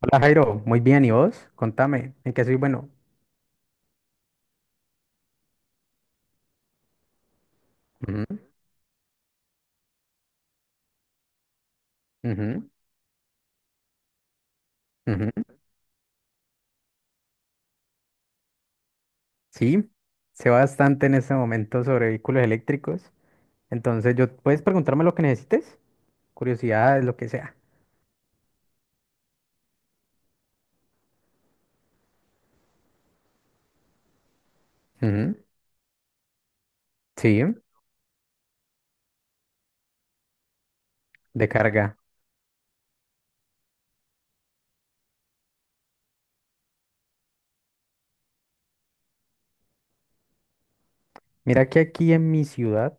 Hola Jairo, muy bien, ¿y vos? Contame, ¿en qué soy bueno? Ujú, ujú, ujú. Sí, sé bastante en este momento sobre vehículos eléctricos, entonces yo puedes preguntarme lo que necesites, curiosidades, lo que sea. Ujú, sí, de carga. Mira que aquí en mi ciudad,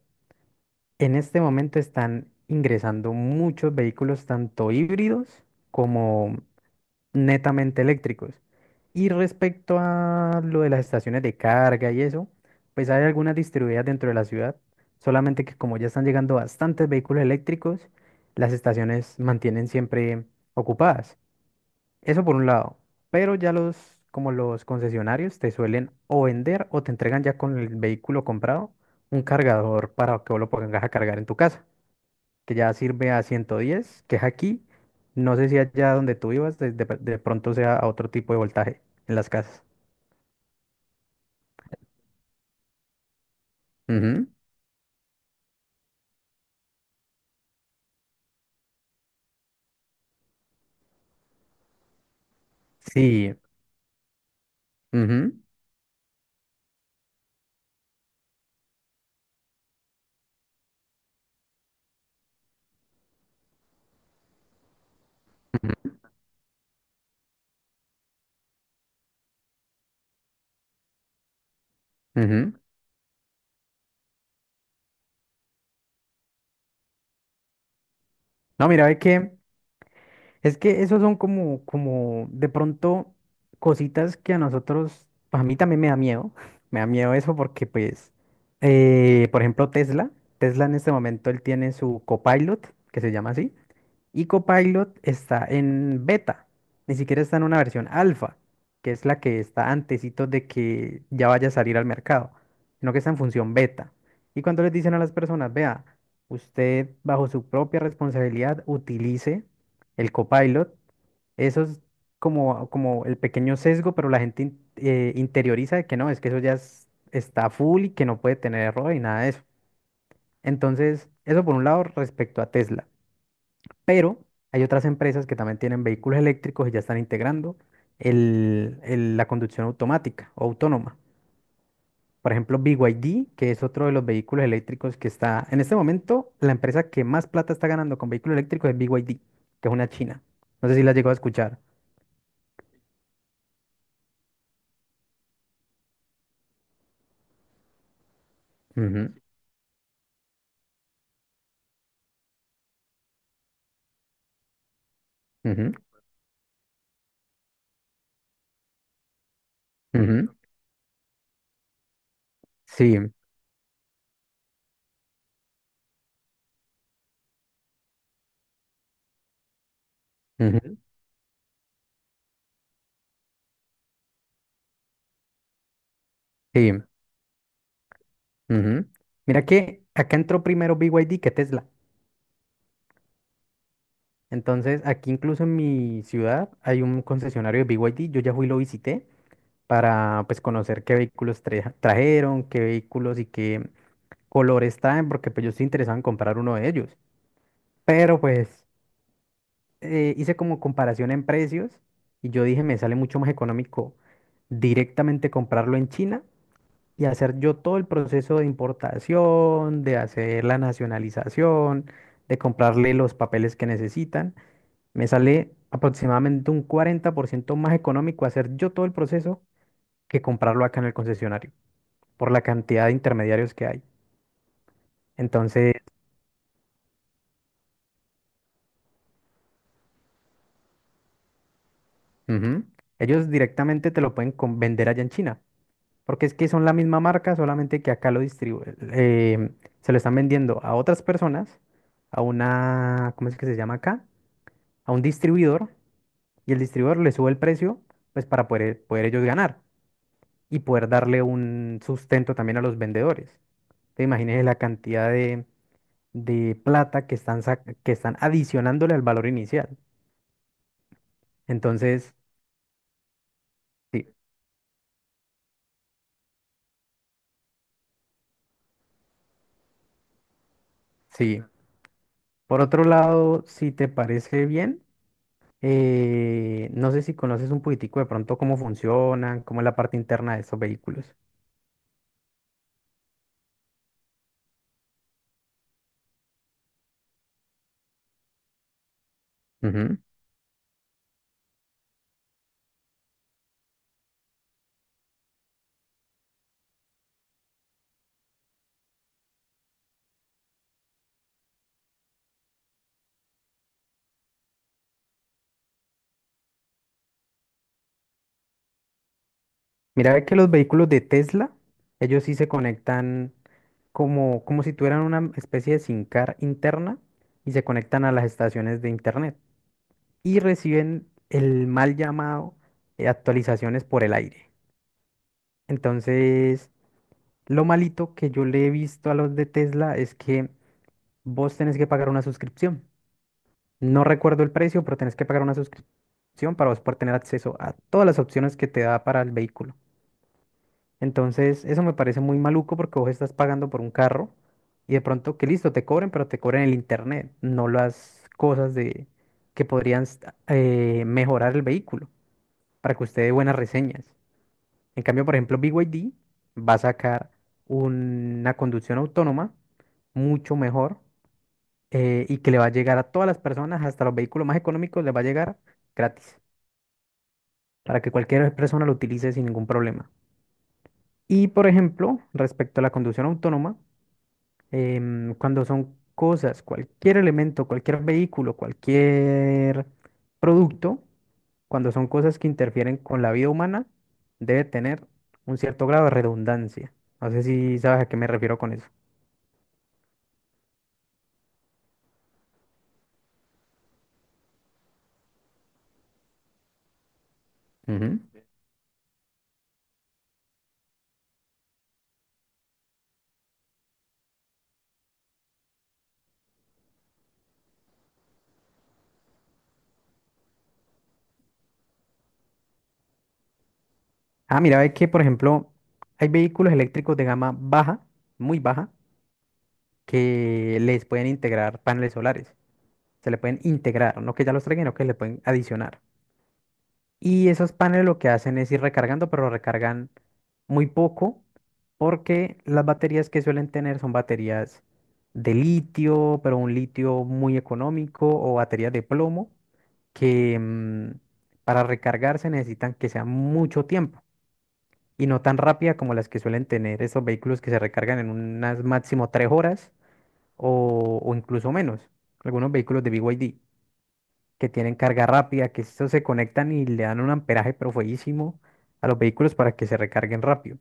en este momento están ingresando muchos vehículos, tanto híbridos como netamente eléctricos. Y respecto a lo de las estaciones de carga y eso, pues hay algunas distribuidas dentro de la ciudad, solamente que como ya están llegando bastantes vehículos eléctricos, las estaciones mantienen siempre ocupadas. Eso por un lado, pero ya los, como los concesionarios te suelen o vender o te entregan ya con el vehículo comprado un cargador para que vos lo pongas a cargar en tu casa que ya sirve a 110 que es aquí. No sé si allá donde tú ibas, de pronto sea a otro tipo de voltaje en las casas. Ujú, sí. Ujú, ujú, ujú. No, mira, ve que es que esos son como de pronto cositas que a nosotros, pues a mí también me da miedo. Me da miedo eso porque, pues, por ejemplo, Tesla. Tesla en este momento él tiene su Copilot, que se llama así. Y Copilot está en beta, ni siquiera está en una versión alfa, que es la que está antesito de que ya vaya a salir al mercado, sino que está en función beta. Y cuando les dicen a las personas, vea, usted bajo su propia responsabilidad utilice el Copilot, eso es como el pequeño sesgo, pero la gente interioriza de que no, es que eso ya está full y que no puede tener error y nada de eso. Entonces, eso por un lado respecto a Tesla. Pero hay otras empresas que también tienen vehículos eléctricos y ya están integrando la conducción automática o autónoma. Por ejemplo, BYD, que es otro de los vehículos eléctricos que está, en este momento, la empresa que más plata está ganando con vehículos eléctricos es BYD, que es una china. No sé si la llegó a escuchar. Ujú, ujú, ujú. Sí, ujú, sí, ujú. Mira que acá entró primero BYD que Tesla. Entonces, aquí incluso en mi ciudad hay un concesionario de BYD. Yo ya fui y lo visité, para pues conocer qué vehículos trajeron, qué vehículos y qué colores traen, porque pues yo estoy interesado en comprar uno de ellos. Pero pues hice como comparación en precios y yo dije, me sale mucho más económico directamente comprarlo en China y hacer yo todo el proceso de importación, de hacer la nacionalización, de comprarle los papeles que necesitan. Me sale aproximadamente un 40% más económico hacer yo todo el proceso que comprarlo acá en el concesionario, por la cantidad de intermediarios que hay. Entonces, ujú, ellos directamente te lo pueden vender allá en China, porque es que son la misma marca, solamente que acá lo eh, se lo están vendiendo a otras personas, a una, ¿cómo es que se llama acá? A un distribuidor, y el distribuidor le sube el precio, pues para poder ellos ganar y poder darle un sustento también a los vendedores. Te imaginas la cantidad de plata que están, que están adicionándole al valor inicial. Entonces, sí. Sí. Por otro lado, si te parece bien, no sé si conoces un poquitico de pronto cómo funcionan, cómo es la parte interna de estos vehículos. Ujú. Mira ve que los vehículos de Tesla, ellos sí se conectan como, como si tuvieran una especie de SIM card interna y se conectan a las estaciones de internet y reciben el mal llamado actualizaciones por el aire. Entonces, lo malito que yo le he visto a los de Tesla es que vos tenés que pagar una suscripción. No recuerdo el precio, pero tenés que pagar una suscripción para vos poder tener acceso a todas las opciones que te da para el vehículo. Entonces, eso me parece muy maluco porque vos estás pagando por un carro y de pronto que listo, te cobren, pero te cobren el internet, no las cosas de que podrían mejorar el vehículo para que usted dé buenas reseñas. En cambio, por ejemplo, BYD va a sacar una conducción autónoma mucho mejor, y que le va a llegar a todas las personas, hasta los vehículos más económicos, les va a llegar gratis, para que cualquier persona lo utilice sin ningún problema. Y por ejemplo, respecto a la conducción autónoma, cuando son cosas, cualquier elemento, cualquier vehículo, cualquier producto, cuando son cosas que interfieren con la vida humana, debe tener un cierto grado de redundancia. No sé si sabes a qué me refiero con eso. Ujú. Ah, mira, ve que, por ejemplo, hay vehículos eléctricos de gama baja, muy baja, que les pueden integrar paneles solares. Se le pueden integrar, no que ya los traigan, no que le pueden adicionar. Y esos paneles lo que hacen es ir recargando, pero recargan muy poco porque las baterías que suelen tener son baterías de litio, pero un litio muy económico o baterías de plomo que, para recargarse necesitan que sea mucho tiempo y no tan rápida como las que suelen tener esos vehículos que se recargan en unas máximo 3 horas o incluso menos. Algunos vehículos de BYD que tienen carga rápida, que estos se conectan y le dan un amperaje pero fueguísimo a los vehículos para que se recarguen rápido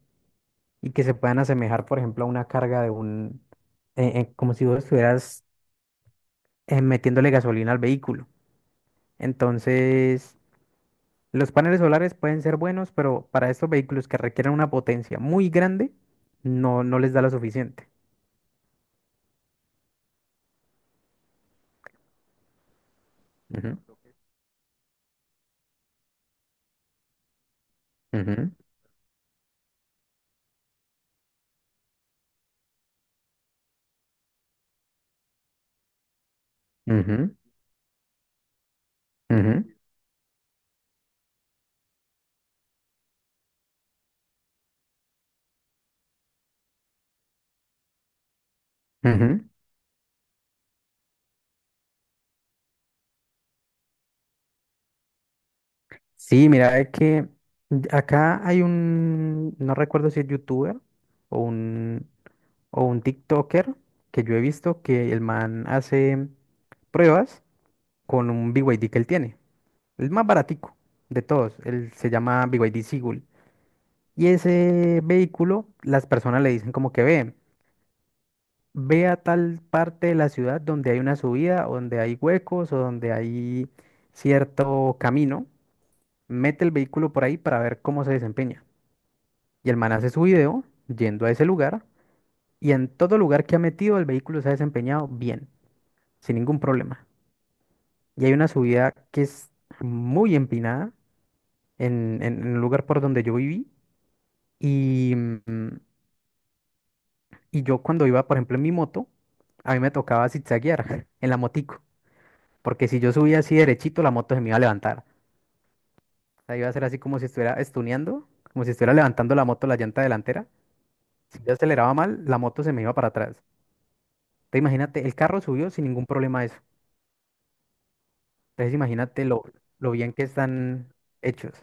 y que se puedan asemejar, por ejemplo, a una carga de como si vos estuvieras metiéndole gasolina al vehículo. Entonces, los paneles solares pueden ser buenos, pero para estos vehículos que requieren una potencia muy grande, no, no les da lo suficiente. Ujú, ujú, ujú, ujú, ujú. Sí, mira, es que acá hay un, no recuerdo si es youtuber o un, o un TikToker que yo he visto que el man hace pruebas con un BYD que él tiene, el más baratico de todos, él se llama BYD Seagull. Y ese vehículo, las personas le dicen como que ve, ve a tal parte de la ciudad donde hay una subida, o donde hay huecos o donde hay cierto camino, mete el vehículo por ahí para ver cómo se desempeña. Y el man hace su video yendo a ese lugar y en todo lugar que ha metido el vehículo se ha desempeñado bien, sin ningún problema. Y hay una subida que es muy empinada en el lugar por donde yo viví y, yo cuando iba, por ejemplo, en mi moto, a mí me tocaba zigzaguear en la motico, porque si yo subía así derechito, la moto se me iba a levantar. O sea, iba a ser así como si estuviera estuneando, como si estuviera levantando la moto la llanta delantera. Si yo aceleraba mal, la moto se me iba para atrás. Te imagínate, el carro subió sin ningún problema eso. Entonces imagínate lo bien que están hechos.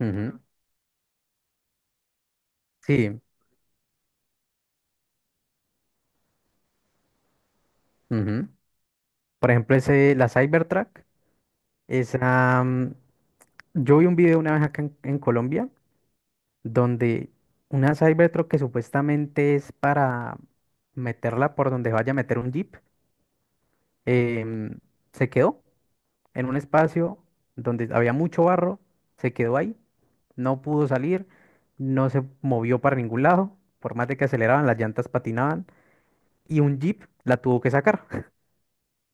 Ujú, sí, ujú. Por ejemplo, ese, la Cybertruck, esa, yo vi un video una vez acá en Colombia donde una Cybertruck que supuestamente es para meterla por donde vaya a meter un Jeep, em, se quedó en un espacio donde había mucho barro, se quedó ahí, no pudo salir, no se movió para ningún lado, por más de que aceleraban, las llantas patinaban, y un Jeep la tuvo que sacar.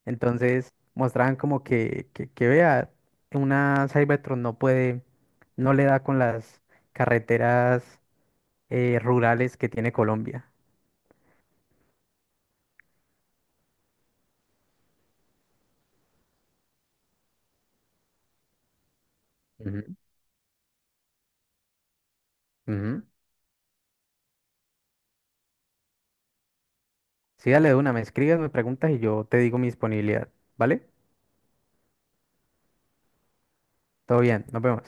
Entonces mostraban como que vea, una Cybertron no puede, no le da con las carreteras rurales que tiene Colombia. Ujú, ujú. Sí, dale de una, me escribes, me preguntas y yo te digo mi disponibilidad, ¿vale? Todo bien, nos vemos.